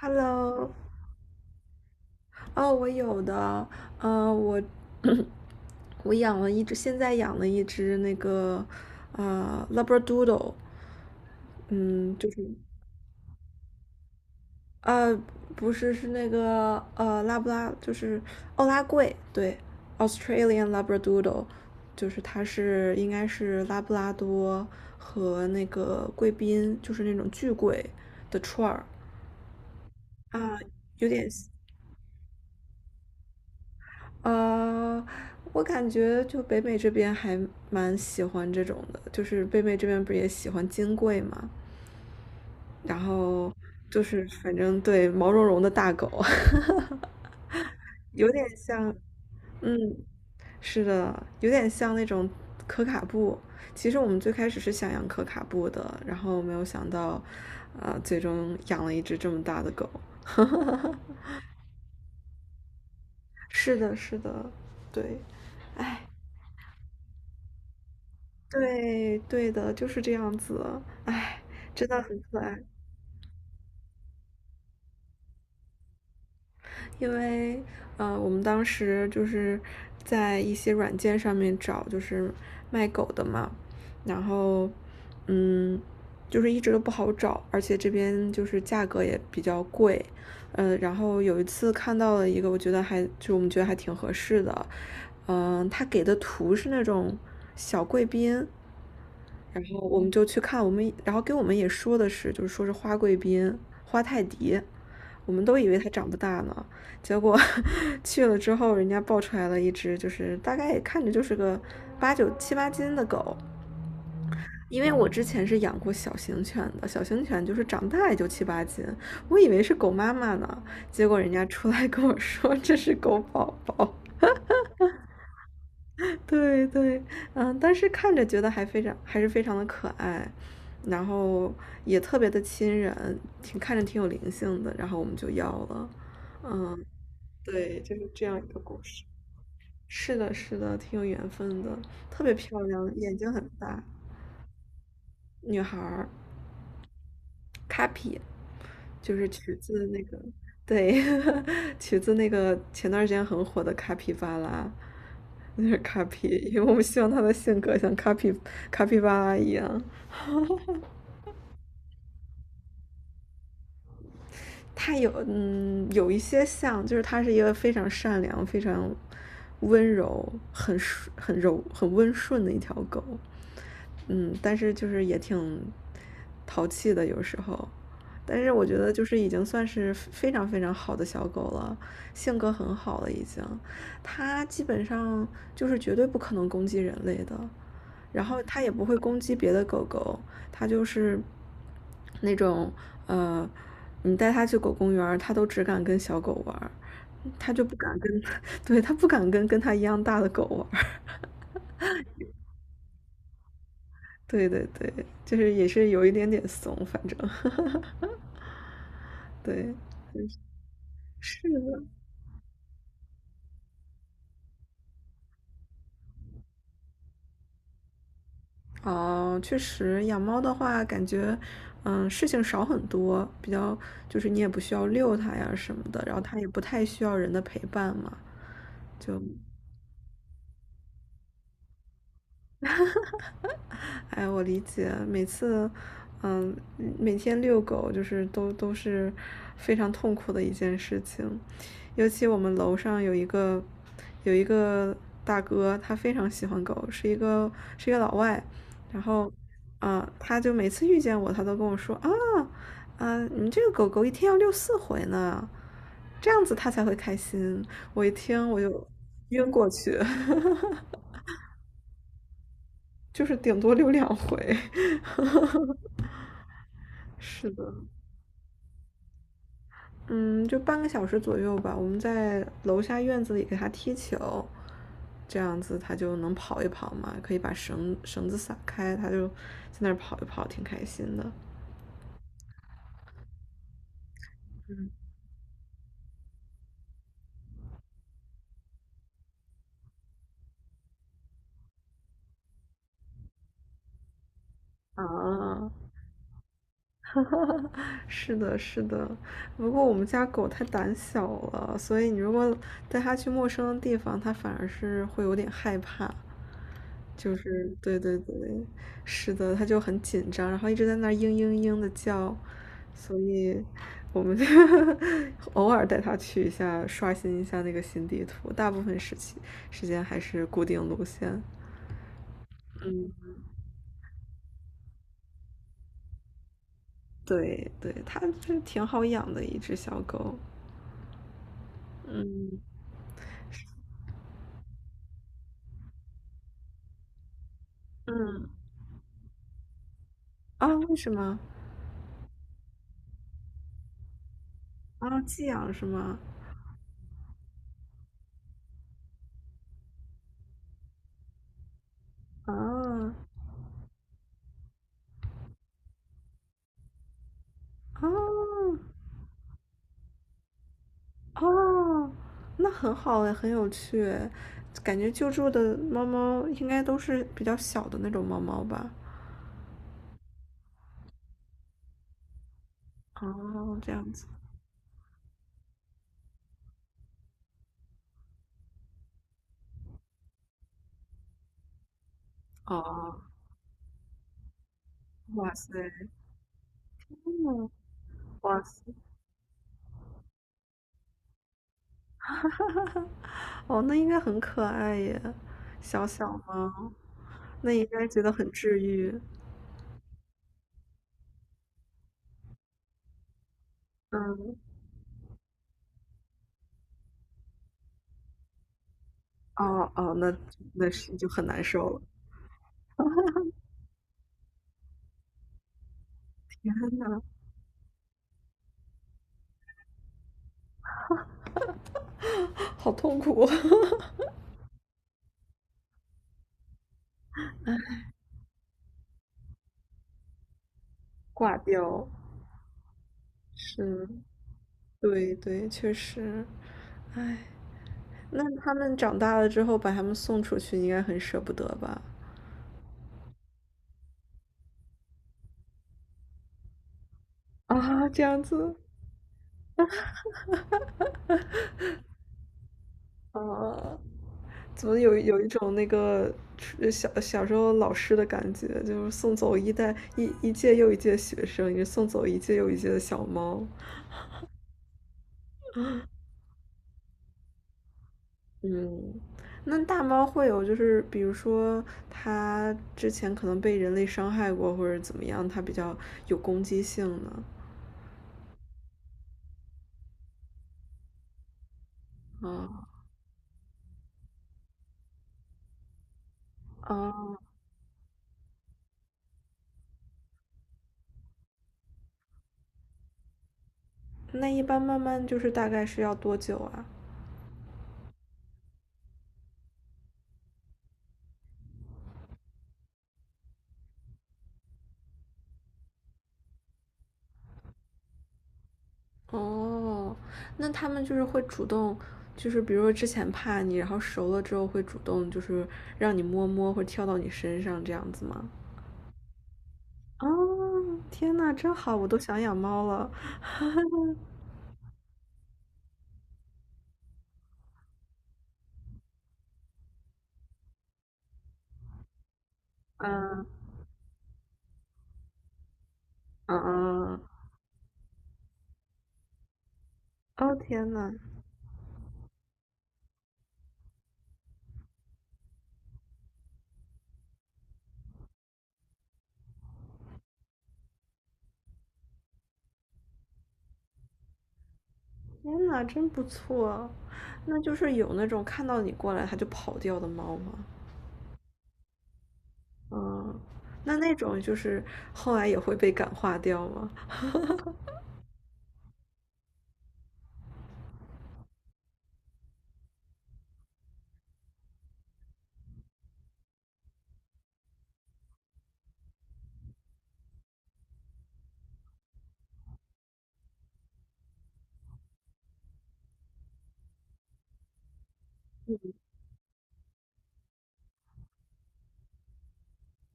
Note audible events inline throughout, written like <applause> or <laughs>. Hello。哦，我有的，呃，我 <clears throat> 我养了一只，现在养了一只那个 Labradoodle。嗯，就是呃不是，是那个拉布拉，就是奥拉贵，对，Australian Labradoodle。就是它是应该是拉布拉多和那个贵宾，就是那种巨贵的串儿啊，有点。呃，我感觉就北美这边还蛮喜欢这种的，就是北美这边不是也喜欢金贵嘛，然后就是反正对毛茸茸的大狗，<laughs> 有点像。嗯，是的，有点像那种可卡布。其实我们最开始是想养可卡布的，然后没有想到，最终养了一只这么大的狗。是的，是的，对，哎。对，对的，就是这样子。唉，真的很可爱。因为，我们当时就是在一些软件上面找，就是卖狗的嘛。然后，嗯，就是一直都不好找，而且这边就是价格也比较贵。嗯，然后有一次看到了一个，我们觉得还挺合适的。嗯、他给的图是那种小贵宾，然后我们就去看，我们然后跟我们也说的是，就是说是花贵宾、花泰迪，我们都以为它长不大呢，结果 <laughs> 去了之后，人家抱出来了一只，就是大概也看着就是个八九七八斤的狗。因为我之前是养过小型犬的，小型犬就是长大也就七八斤，我以为是狗妈妈呢，结果人家出来跟我说这是狗宝宝。对对，嗯，但是看着觉得还非常还是非常的可爱，然后也特别的亲人，看着挺有灵性的，然后我们就要了。嗯，对，就是这样一个故事。是的，是的，挺有缘分的，特别漂亮，眼睛很大，女孩儿，Kapi,就是取自那个，对，<laughs> 取自那个前段时间很火的卡皮巴拉，那是卡皮，因为我们希望她的性格像卡皮巴拉一样。它有有一些像，就是它是一个非常善良、非常温柔、很柔、很温顺的一条狗。嗯，但是就是也挺淘气的有时候，但是我觉得就是已经算是非常非常好的小狗了，性格很好了已经。它基本上就是绝对不可能攻击人类的，然后它也不会攻击别的狗狗。它就是那种呃你带它去狗公园儿，它都只敢跟小狗玩儿，它就不敢跟，<laughs> 对，它不敢跟它一样大的狗玩儿。<laughs> 对对对，就是也是有一点点怂，反正 <laughs> 对，是的。哦，确实，养猫的话，感觉事情少很多，比较就是你也不需要遛它呀什么的，然后它也不太需要人的陪伴嘛，就 <laughs> 哎，我理解。每次，嗯，每天遛狗就是都是非常痛苦的一件事情，尤其我们楼上有一个有一个大哥，他非常喜欢狗，是一个老外。然后，啊，他就每次遇见我，他都跟我说啊，啊，你这个狗狗一天要遛四回呢，这样子他才会开心。我一听我就晕过去，<laughs> 就是顶多遛两回。<laughs> 是的。嗯，就半个小时左右吧。我们在楼下院子里给它踢球，这样子它就能跑一跑嘛，可以把绳子撒开，它就在那儿跑一跑，挺开心的。啊。<laughs> 是的，是的。不过我们家狗太胆小了，所以你如果带它去陌生的地方，它反而是会有点害怕。就是对对对，是的，它就很紧张，然后一直在那儿嘤嘤嘤的叫，所以我们就 <laughs> 偶尔带它去一下，刷新一下那个新地图，大部分时间还是固定路线。嗯，对对，它是挺好养的一只小狗。嗯嗯啊，为什么？啊，寄养是吗？啊，啊啊！那很好哎，很有趣哎，感觉救助的猫猫应该都是比较小的那种猫猫吧？哦，这样子。哦，哇塞，嗯，哇塞。哦，那应该很可爱耶，小小猫，那应该觉得很治愈。嗯，哦哦，那那是就很难受了。<laughs> 天呐，好痛苦。<laughs> 挂掉。是，对对，确实。哎，那他们长大了之后把他们送出去，应该很舍不得吧？啊，这样子。啊，怎么有一种那个小时候老师的感觉，就是送走一代一届又一届学生，也送走一届又一届的小猫。嗯，那大猫会有就是，比如说它之前可能被人类伤害过，或者怎么样，它比较有攻击性呢？哦哦，那一般慢慢就是大概是要多久啊？哦，那他们就是会主动，就是比如说之前怕你，然后熟了之后会主动就是让你摸摸或者跳到你身上这样子吗？哦，天呐，真好，我都想养猫了。<laughs> 嗯嗯嗯，哦天呐，天呐，真不错。那就是有那种看到你过来它就跑掉的猫吗？嗯，那那种就是后来也会被感化掉吗？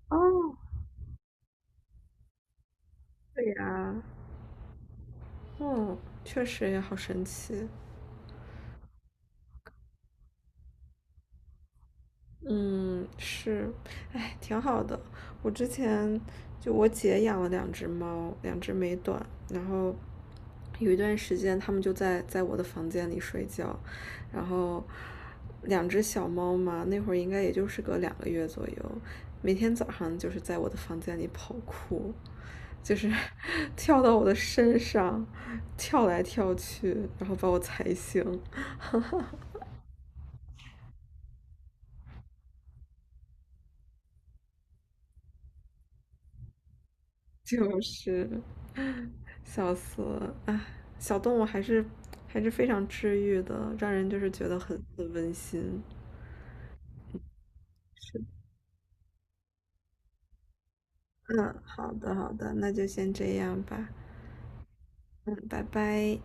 哦，对呀，嗯，确实也好神奇。嗯，是，哎，挺好的。我之前就我姐养了两只猫，两只美短，然后有一段时间它们就在我的房间里睡觉，然后两只小猫嘛，那会儿应该也就是个2个月左右，每天早上就是在我的房间里跑酷，就是 <laughs> 跳到我的身上，跳来跳去，然后把我踩醒。<laughs> 就是。笑死了！哎，小动物还是非常治愈的，让人就是觉得很温馨。是，嗯，好的好的，那就先这样吧。嗯，拜拜。